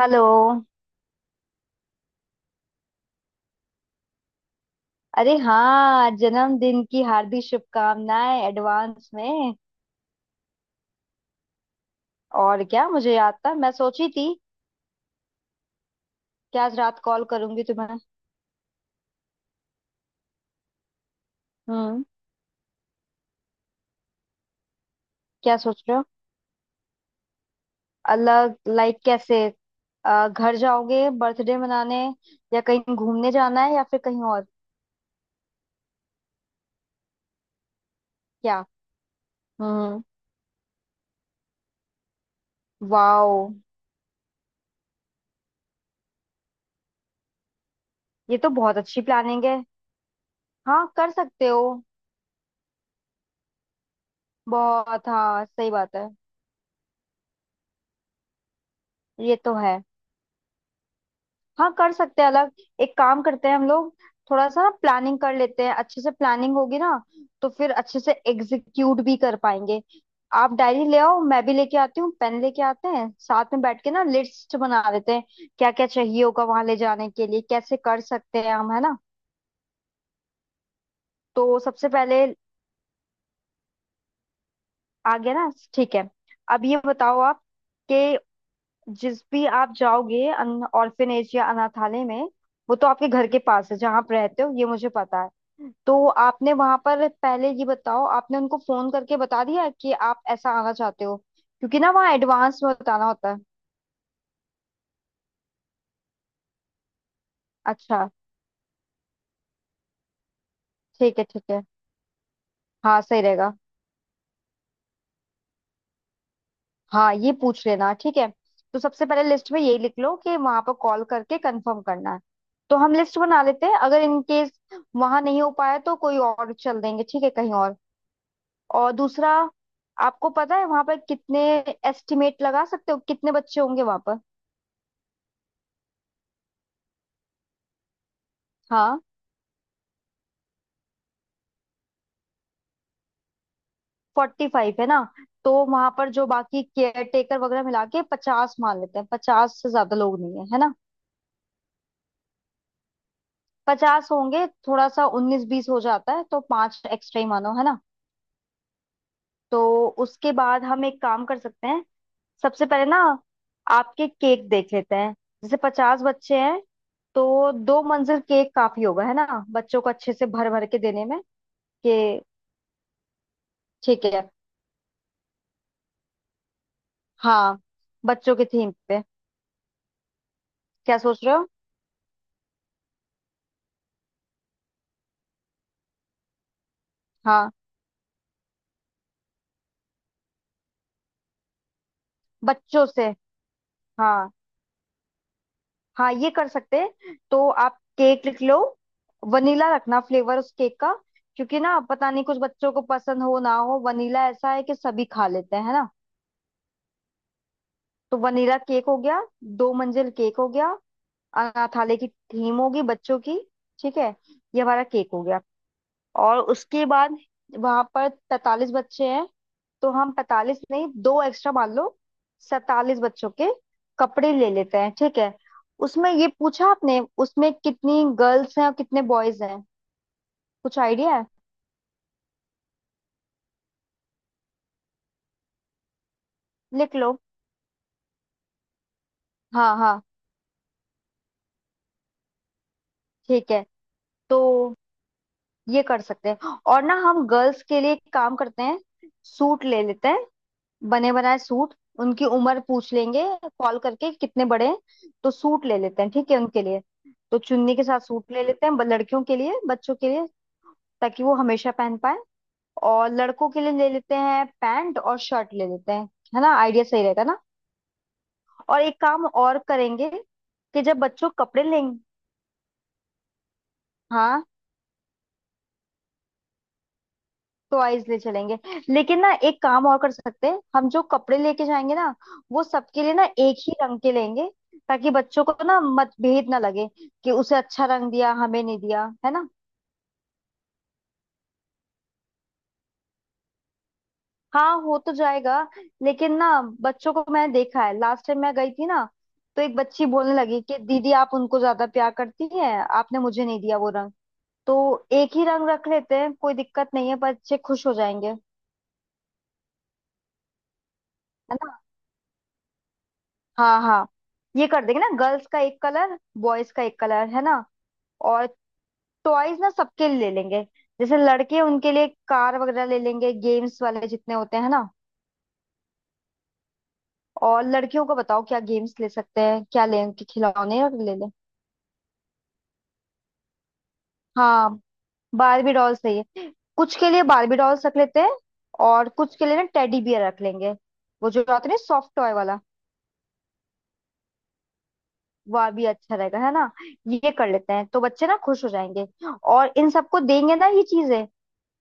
Hello. अरे हाँ, जन्मदिन की हार्दिक शुभकामनाएं एडवांस में। और क्या मुझे याद था? मैं सोची थी कि आज रात कॉल करूंगी तुम्हें। हम्म। क्या सोच रहे हो? अलग लाइक कैसे? घर जाओगे बर्थडे मनाने, या कहीं घूमने जाना है, या फिर कहीं और? क्या? हम्म। वाओ, ये तो बहुत अच्छी प्लानिंग है। हाँ, कर सकते हो। बहुत। हाँ, सही बात है। ये तो है। हाँ, कर सकते हैं अलग। एक काम करते हैं हम लोग। थोड़ा सा ना प्लानिंग कर लेते हैं, अच्छे से प्लानिंग होगी ना, तो फिर अच्छे से एग्जीक्यूट भी कर पाएंगे। आप डायरी ले आओ, मैं भी लेके आती हूँ, पेन लेके आते हैं, साथ में बैठ के ना लिस्ट बना लेते हैं। क्या क्या चाहिए होगा वहां ले जाने के लिए, कैसे कर सकते हैं हम, है ना? तो सबसे पहले। आ गया ना? ठीक है। अब ये बताओ आप, कि जिस भी आप जाओगे अन ऑर्फिनेज या अनाथालय में, वो तो आपके घर के पास है जहाँ आप रहते हो, ये मुझे पता है। तो आपने वहां पर, पहले ये बताओ, आपने उनको फोन करके बता दिया कि आप ऐसा आना चाहते हो? क्योंकि ना वहाँ एडवांस में बताना होता है। अच्छा। ठीक है, ठीक है। हाँ, सही रहेगा। हाँ, ये पूछ लेना। ठीक है। तो सबसे पहले लिस्ट में यही लिख लो कि वहां पर कॉल करके कंफर्म करना है। तो हम लिस्ट बना लेते हैं, अगर इन केस वहां नहीं हो पाया तो कोई और चल देंगे, ठीक है, कहीं और। और दूसरा, आपको पता है वहां पर कितने, एस्टिमेट लगा सकते हो कितने बच्चे होंगे वहां पर? हाँ, 45 है ना? तो वहां पर जो बाकी केयर टेकर वगैरह मिला के 50 मान लेते हैं। 50 से ज्यादा लोग नहीं है, है ना? 50 होंगे। थोड़ा सा उन्नीस बीस हो जाता है, तो पांच एक्स्ट्रा ही मानो, है ना? तो उसके बाद हम एक काम कर सकते हैं। सबसे पहले ना आपके केक देख लेते हैं। जैसे 50 बच्चे हैं, तो दो मंजिल केक काफी होगा है ना, बच्चों को अच्छे से भर भर के देने में। कि ठीक है। हाँ, बच्चों के थीम पे। क्या सोच रहे हो? हाँ। बच्चों से। हाँ हाँ, ये कर सकते हैं, तो आप केक लिख लो। वनीला रखना फ्लेवर उस केक का। क्योंकि ना पता नहीं कुछ बच्चों को पसंद हो ना हो, वनीला ऐसा है कि सभी खा लेते हैं, है ना? तो वनीला केक हो गया, दो मंजिल केक हो गया, अनाथालय की थीम होगी बच्चों की। ठीक है। ये हमारा केक हो गया। और उसके बाद, वहां पर 45 बच्चे हैं, तो हम 45 नहीं, दो एक्स्ट्रा मान लो, 47 बच्चों के कपड़े ले लेते हैं। ठीक है। उसमें ये पूछा आपने, उसमें कितनी गर्ल्स हैं और कितने बॉयज हैं, कुछ आइडिया है? लिख लो। हाँ हाँ, ठीक है। तो ये कर सकते हैं, और ना हम गर्ल्स के लिए एक काम करते हैं, सूट ले लेते हैं, बने बनाए सूट। उनकी उम्र पूछ लेंगे कॉल करके, कितने बड़े हैं। तो सूट ले लेते हैं, ठीक है उनके लिए। तो चुन्नी के साथ सूट ले लेते हैं, लड़कियों के लिए, बच्चों के लिए, ताकि वो हमेशा पहन पाए। और लड़कों के लिए ले लेते हैं, पैंट और शर्ट ले लेते हैं। है ना? आइडिया सही रहेगा ना? और एक काम और करेंगे, कि जब बच्चों कपड़े लेंगे। हाँ, टॉयज ले चलेंगे। लेकिन ना एक काम और कर सकते हैं, हम जो कपड़े लेके जाएंगे ना, वो सबके लिए ना एक ही रंग के लेंगे, ताकि बच्चों को ना मतभेद ना लगे कि उसे अच्छा रंग दिया, हमें नहीं दिया, है ना? हाँ, हो तो जाएगा, लेकिन ना, बच्चों को मैंने देखा है, लास्ट टाइम मैं गई थी ना, तो एक बच्ची बोलने लगी कि दीदी आप उनको ज्यादा प्यार करती हैं, आपने मुझे नहीं दिया वो रंग। तो एक ही रंग रख लेते हैं, कोई दिक्कत नहीं है, बच्चे खुश हो जाएंगे। है। हाँ हाँ, ये कर देंगे ना, गर्ल्स का एक कलर, बॉयज का एक कलर, है ना? और टॉयज ना सबके लिए ले लेंगे। जैसे लड़के, उनके लिए कार वगैरह ले लेंगे, गेम्स वाले जितने होते हैं ना। और लड़कियों को बताओ क्या गेम्स ले सकते हैं, क्या लें उनके खिलौने और ले लें। हाँ, बारबी डॉल सही है। कुछ के लिए बारबी डॉल्स रख लेते हैं, और कुछ के लिए ना टेडी बियर रख लेंगे, वो जो आते हैं सॉफ्ट टॉय वाला। वह भी अच्छा रहेगा, है ना? ये कर लेते हैं, तो बच्चे ना खुश हो जाएंगे। और इन सबको देंगे ना ये चीजें,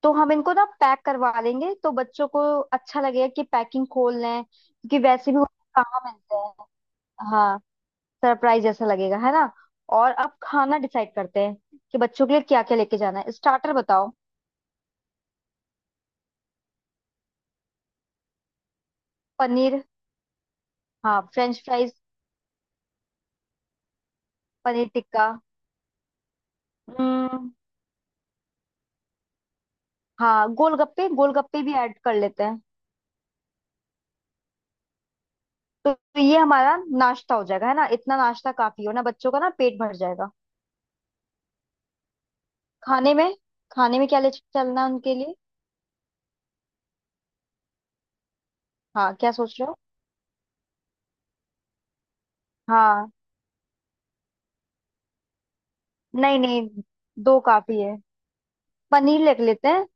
तो हम इनको ना पैक करवा लेंगे, तो बच्चों को अच्छा लगेगा कि पैकिंग खोल लें, क्योंकि वैसे भी उन्हें कहाँ मिलते हैं। हाँ, सरप्राइज जैसा लगेगा, है ना? और अब खाना डिसाइड करते हैं, कि बच्चों के लिए क्या क्या लेके जाना है। स्टार्टर बताओ। पनीर। हाँ, फ्रेंच फ्राइज। पनीर टिक्का। हम्म। हाँ, गोलगप्पे, गोलगप्पे भी ऐड कर लेते हैं। तो ये हमारा नाश्ता हो जाएगा, है ना? इतना नाश्ता काफी हो ना, बच्चों का ना पेट भर जाएगा। खाने में, खाने में क्या ले चलना है उनके लिए? हाँ, क्या सोच रहे हो? हाँ, नहीं नहीं, दो काफी है। पनीर लिख लेते हैं।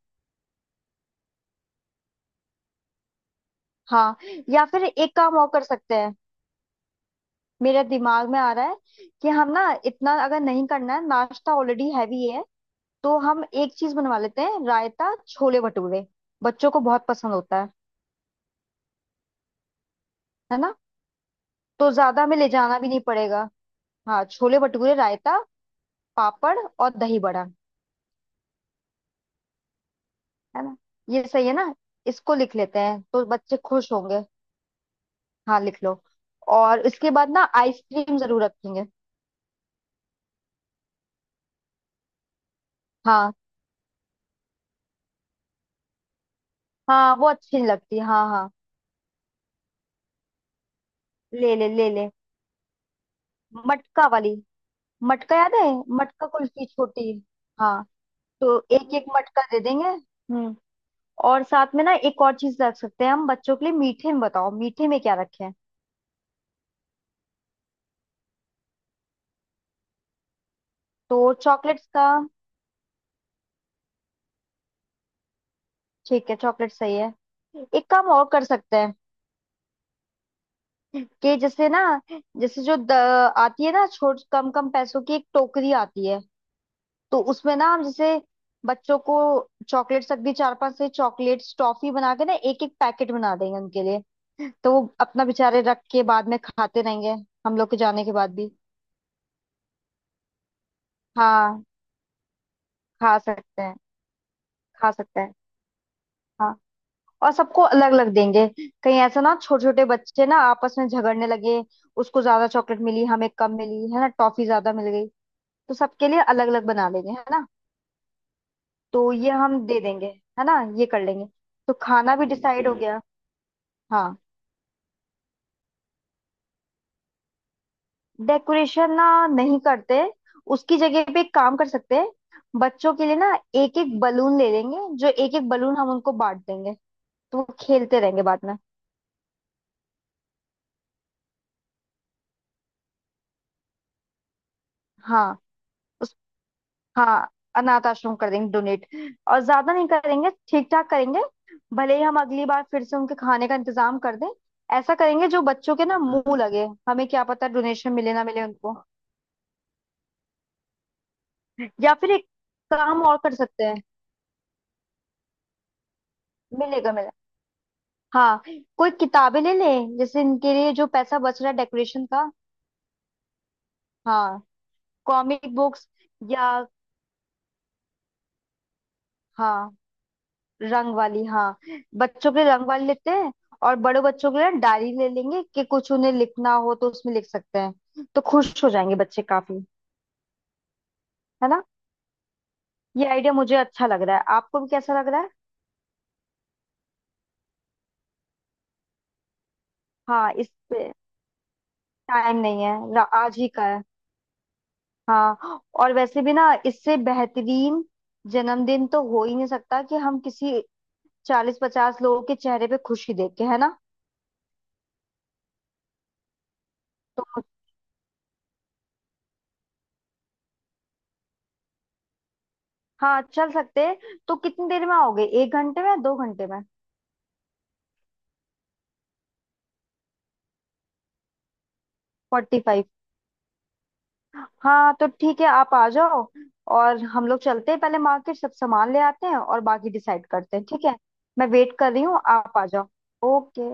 हाँ। या फिर एक काम और कर सकते हैं, मेरे दिमाग में आ रहा है, कि हम ना इतना अगर नहीं करना है, नाश्ता ऑलरेडी हैवी है। तो हम एक चीज बनवा लेते हैं, रायता छोले भटूरे, बच्चों को बहुत पसंद होता है ना? तो ज्यादा हमें ले जाना भी नहीं पड़ेगा। हाँ, छोले भटूरे, रायता, पापड़ और दही बड़ा। है ना? ये सही है ना? इसको लिख लेते हैं, तो बच्चे खुश होंगे। हाँ, लिख लो। और इसके बाद ना आइसक्रीम जरूर रखेंगे। हाँ। हाँ, वो अच्छी नहीं लगती, हाँ हाँ। ले ले ले ले। मटका वाली। मटका याद है? मटका कुल्फी छोटी। हाँ, तो एक एक मटका दे देंगे। हम्म। और साथ में ना एक और चीज रख सकते हैं हम बच्चों के लिए मीठे में। बताओ मीठे में क्या रखें? तो चॉकलेट्स का? ठीक है, चॉकलेट सही है। एक काम और कर सकते हैं, कि जैसे ना, जैसे जो आती है ना, छोट कम कम पैसों की एक टोकरी आती है। तो उसमें ना हम जैसे बच्चों को चॉकलेट तक भी चार पांच से चॉकलेट्स, टॉफी बना के ना एक एक पैकेट बना देंगे उनके लिए। तो वो अपना बेचारे रख के बाद में खाते रहेंगे, हम लोग के जाने के बाद भी। हाँ, खा सकते हैं, खा सकते हैं। हाँ, और सबको अलग अलग देंगे, कहीं ऐसा ना छोटे छोटे बच्चे ना आपस में झगड़ने लगे, उसको ज्यादा चॉकलेट मिली, हमें कम मिली, है ना, टॉफी ज्यादा मिल गई। तो सबके लिए अलग अलग बना लेंगे, है ना? तो ये हम दे देंगे, है ना? ये कर लेंगे। तो खाना भी डिसाइड हो गया। हाँ। डेकोरेशन ना, नहीं करते। उसकी जगह पे एक काम कर सकते हैं, बच्चों के लिए ना एक एक बलून ले लेंगे, जो एक एक बलून हम उनको बांट देंगे, तो वो खेलते रहेंगे बाद में। हाँ। उस हाँ, अनाथ आश्रम कर देंगे डोनेट। और ज्यादा नहीं करेंगे, ठीक ठाक करेंगे। भले ही हम अगली बार फिर से उनके खाने का इंतजाम कर दें। ऐसा करेंगे जो बच्चों के ना मुंह लगे, हमें क्या पता डोनेशन मिले ना मिले उनको। या फिर एक काम और कर सकते हैं। मिलेगा मिलेगा। हाँ, कोई किताबें ले लें जैसे इनके लिए, जो पैसा बच रहा है डेकोरेशन का। हाँ, कॉमिक बुक्स। या, हाँ, रंग वाली। हाँ, बच्चों के लिए रंग वाली लेते हैं। और बड़े बच्चों के लिए डायरी ले लेंगे, कि कुछ उन्हें लिखना हो तो उसमें लिख सकते हैं, तो खुश हो जाएंगे बच्चे काफी, है ना? ये आइडिया मुझे अच्छा लग रहा है, आपको भी कैसा लग रहा है? हाँ, इस पे। टाइम नहीं है, आज ही का है। हाँ, और वैसे भी ना इससे बेहतरीन जन्मदिन तो हो ही नहीं सकता, कि हम किसी 40-50 लोगों के चेहरे पे खुशी देख के, है ना? तो। हाँ, चल सकते हैं। तो कितनी देर में आओगे, 1 घंटे में, 2 घंटे में? 45? हाँ, तो ठीक है, आप आ जाओ। और हम लोग चलते हैं पहले मार्केट, सब सामान ले आते हैं और बाकी डिसाइड करते हैं, ठीक है? मैं वेट कर रही हूँ, आप आ जाओ। ओके।